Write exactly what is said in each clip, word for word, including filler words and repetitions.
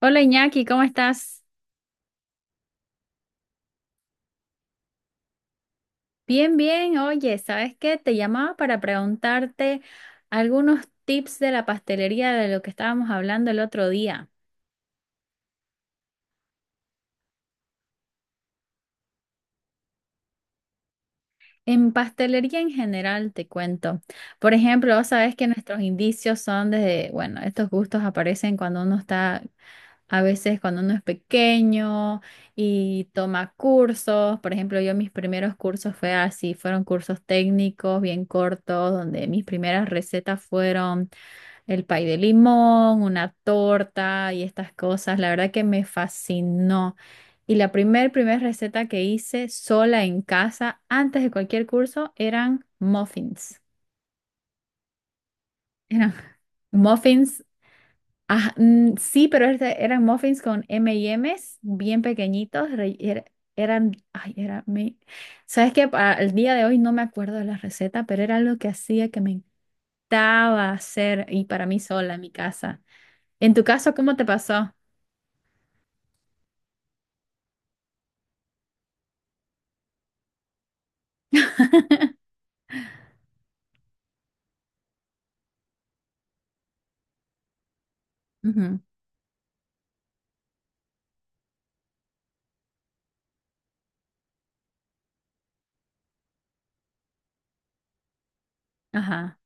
Hola Iñaki, ¿cómo estás? Bien, bien. Oye, ¿sabes qué? Te llamaba para preguntarte algunos tips de la pastelería de lo que estábamos hablando el otro día. En pastelería en general, te cuento. Por ejemplo, vos sabés que nuestros indicios son desde, bueno, estos gustos aparecen cuando uno está, a veces cuando uno es pequeño y toma cursos. Por ejemplo, yo mis primeros cursos fue así, fueron cursos técnicos bien cortos, donde mis primeras recetas fueron el pay de limón, una torta y estas cosas, la verdad que me fascinó. Y la primer, primer receta que hice sola en casa, antes de cualquier curso, eran muffins. Eran muffins, ah, mm, sí, pero este- eran muffins con M and M's bien pequeñitos. Re- era- eran, ay, era, me- sabes que el día de hoy no me acuerdo de la receta, pero era algo que hacía que me encantaba hacer y para mí sola en mi casa. En tu caso, ¿cómo te pasó? Ujú, ajá,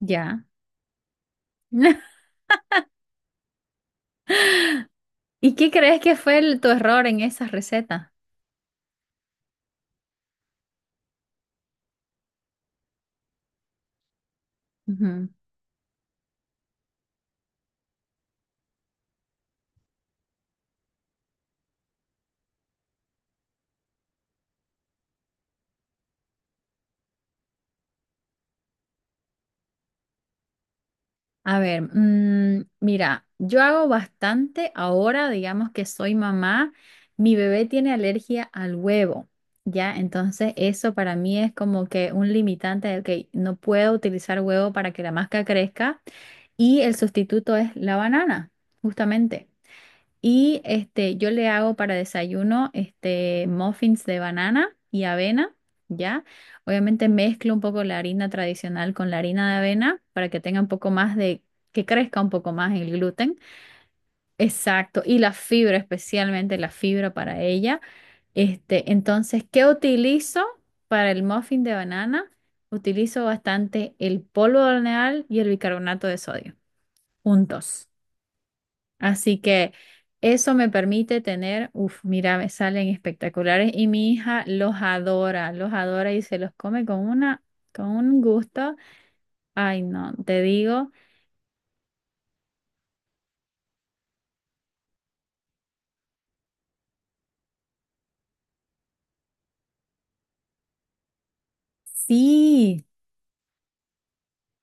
ya. ¿Y qué crees que fue el- tu error en esa receta? Ujú. A ver, mm, mira, yo hago bastante ahora, digamos que soy mamá, mi bebé tiene alergia al huevo, ¿ya? Entonces eso para mí es como que un limitante de, ok, no puedo utilizar huevo para que la masca crezca y el sustituto es la banana, justamente. Y este, yo le hago para desayuno este, muffins de banana y avena, ¿ya? Obviamente mezclo un poco la harina tradicional con la harina de avena para que tenga un poco más de, que crezca un poco más el gluten. Exacto, y la fibra, especialmente la fibra para ella. Este, entonces, ¿qué utilizo para el muffin de banana? Utilizo bastante el polvo de hornear y el bicarbonato de sodio, juntos. Así que eso me permite tener, uff, mira, me salen espectaculares y mi hija los adora, los adora y se los come con una, con un gusto. Ay, no, te digo, sí,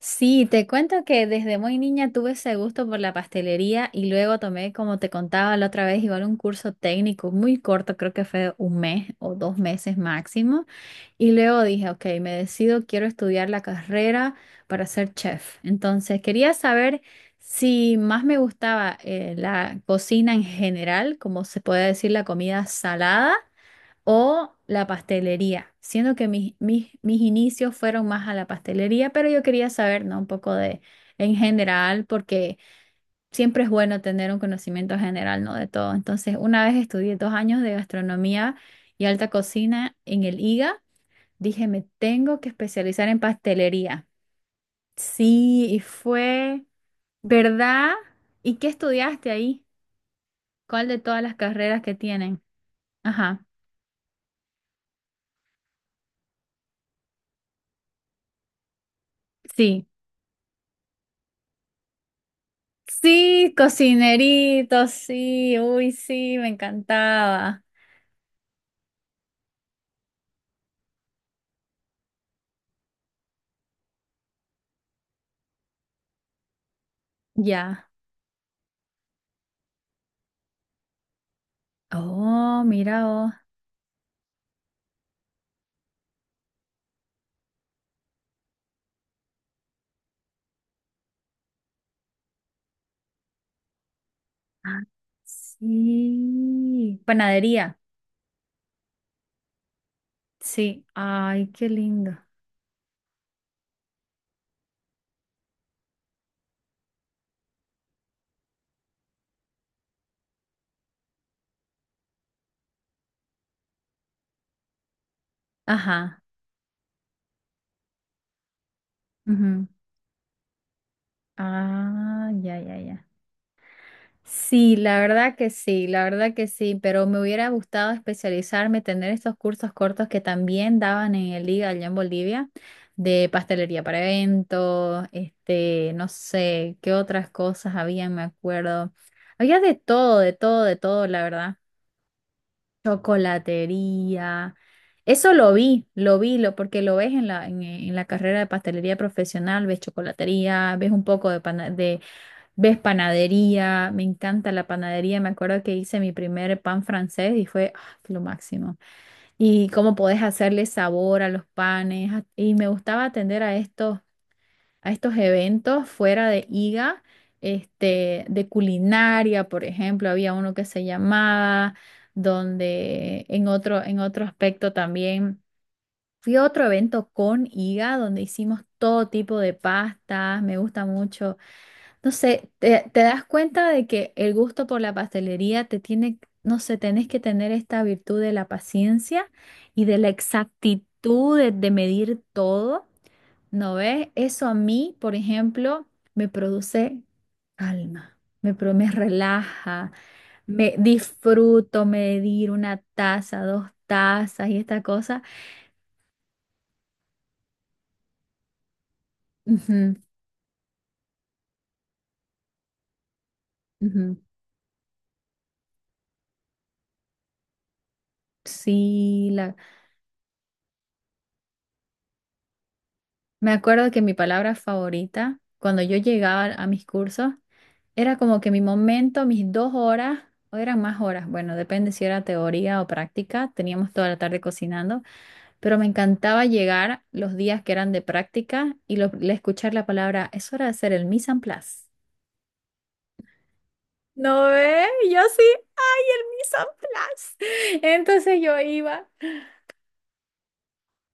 sí, te cuento que desde muy niña tuve ese gusto por la pastelería y luego tomé, como te contaba la otra vez, igual un curso técnico muy corto, creo que fue un mes o dos meses máximo. Y luego dije, ok, me decido, quiero estudiar la carrera para ser chef. Entonces, quería saber si más me gustaba eh, la cocina en general, como se puede decir la comida salada, o la pastelería, siendo que mis, mis, mis inicios fueron más a la pastelería, pero yo quería saber, ¿no? Un poco de en general, porque siempre es bueno tener un conocimiento general, ¿no? De todo. Entonces, una vez estudié dos años de gastronomía y alta cocina en el I G A. Dije, me tengo que especializar en pastelería. Sí, y fue, ¿verdad? ¿Y qué estudiaste ahí? ¿Cuál de todas las carreras que tienen? Ajá, sí. Sí, cocinerito, sí, uy, sí, me encantaba. Ya. Oh, mira vos. Ah, sí, panadería. Sí, ay, qué lindo. Ajá. Ujú. Ah, ya, ya, ya. Sí, la verdad que sí, la verdad que sí, pero me hubiera gustado especializarme, tener estos cursos cortos que también daban en el I G A allá en Bolivia, de pastelería para eventos, este, no sé, qué otras cosas había, me acuerdo. Había de todo, de todo, de todo, la verdad. Chocolatería. Eso lo vi, lo vi, lo, porque lo ves en la, en, en la carrera de pastelería profesional, ves chocolatería, ves un poco de, ¿ves panadería? Me encanta la panadería. Me acuerdo que hice mi primer pan francés y fue ah, lo máximo. Y cómo podés hacerle sabor a los panes. a- Y me gustaba atender a estos, a estos eventos fuera de I G A, este, de culinaria, por ejemplo. Había uno que se llamaba, donde en otro, en otro aspecto también. Fui a otro evento con I G A donde hicimos todo tipo de pastas. Me gusta mucho, no sé, te, te das cuenta de que el gusto por la pastelería te tiene, no sé, tenés que tener esta virtud de la paciencia y de la exactitud de, de medir todo, ¿no ves? Eso a mí, por ejemplo, me produce calma, me, pro- me relaja, me disfruto medir una taza, dos tazas y esta cosa. Ujú, ujú. Sí, la, me acuerdo que mi palabra favorita, cuando yo llegaba a mis cursos, era como que mi momento, mis dos horas, o eran más horas, bueno, depende si era teoría o práctica, teníamos toda la tarde cocinando, pero me encantaba llegar los días que eran de práctica y lo- le escuchar la palabra, es hora de hacer el mise en place. ¿No ve? Y yo sí, ¡ay, el mise en place! Entonces yo iba.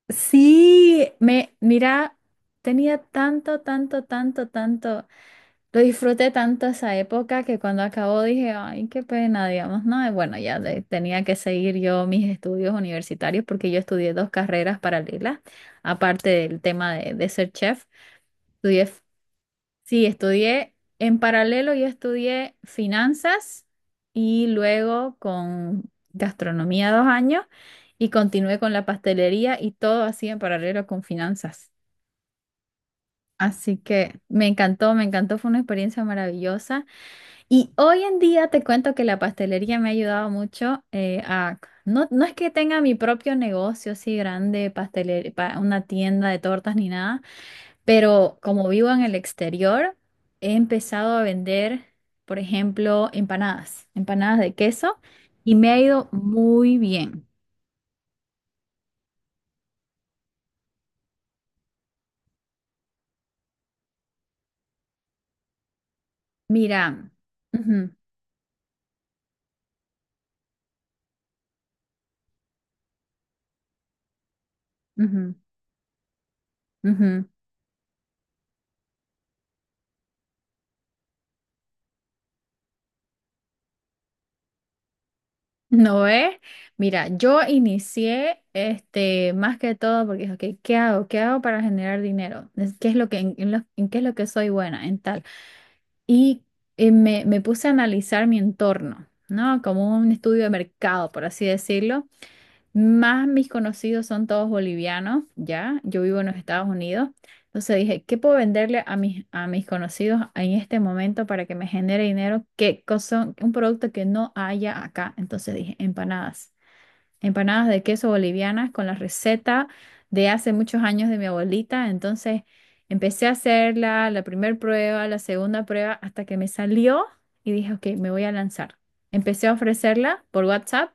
Sí, me, mira, tenía tanto, tanto, tanto, tanto. Lo disfruté tanto esa época que cuando acabó dije, ay, qué pena, digamos, no, y bueno, ya de- tenía que seguir yo mis estudios universitarios porque yo estudié dos carreras paralelas, aparte del tema de, de ser chef. Estudié, f- sí, estudié en paralelo, yo estudié finanzas y luego con gastronomía dos años y continué con la pastelería y todo así en paralelo con finanzas. Así que me encantó, me encantó, fue una experiencia maravillosa. Y hoy en día te cuento que la pastelería me ha ayudado mucho eh, a... No, no es que tenga mi propio negocio así grande, pastelería, una tienda de tortas ni nada, pero como vivo en el exterior, he empezado a vender, por ejemplo, empanadas, empanadas de queso, y me ha ido muy bien. Mira, ujú, ujú, ujú. No es. Mira, yo inicié este más que todo porque dije, ok, ¿qué hago? ¿Qué hago para generar dinero? Es- ¿Qué es lo que, en, en lo- en qué es lo que soy buena? En tal. Y eh, me, me puse a analizar mi entorno, ¿no? Como un estudio de mercado, por así decirlo. Más mis conocidos son todos bolivianos, ¿ya? Yo vivo en los Estados Unidos. Entonces dije, ¿qué puedo venderle a mis, a mis conocidos en este momento para que me genere dinero? ¿Qué cosa? Un producto que no haya acá. Entonces dije, empanadas empanadas de queso bolivianas con la receta de hace muchos años de mi abuelita. Entonces empecé a hacerla, la primera prueba, la segunda prueba, hasta que me salió y dije, ok, me voy a lanzar. Empecé a ofrecerla por WhatsApp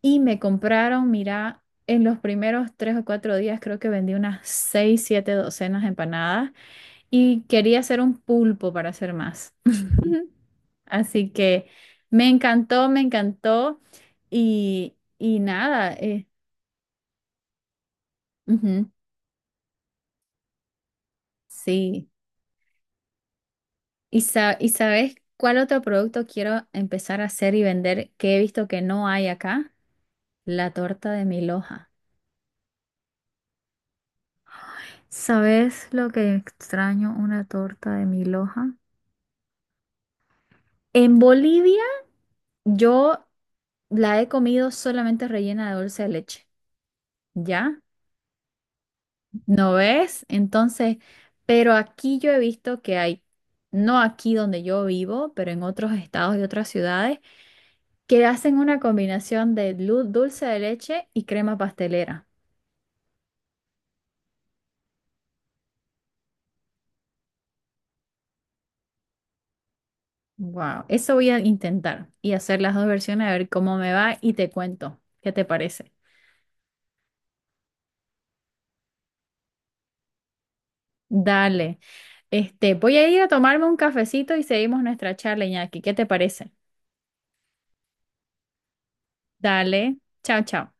y me compraron, mira, en los primeros tres o cuatro días creo que vendí unas seis, siete docenas de empanadas y quería hacer un pulpo para hacer más. Así que me encantó, me encantó y, y nada, eh, ujú, sí. ¿Y, sa- y sabes cuál otro producto quiero empezar a hacer y vender que he visto que no hay acá? La torta de mi loja. ¿Sabes lo que extraño una torta de mi loja? En Bolivia yo la he comido solamente rellena de dulce de leche, ¿ya? ¿No ves? Entonces, pero aquí yo he visto que hay, no aquí donde yo vivo, pero en otros estados y otras ciudades, que hacen una combinación de lu- dulce de leche y crema pastelera. Wow, eso voy a intentar y hacer las dos versiones a ver cómo me va y te cuento. ¿Qué te parece? Dale. Este, voy a ir a tomarme un cafecito y seguimos nuestra charla, Iñaki. ¿Qué te parece? Dale. Chao, chao.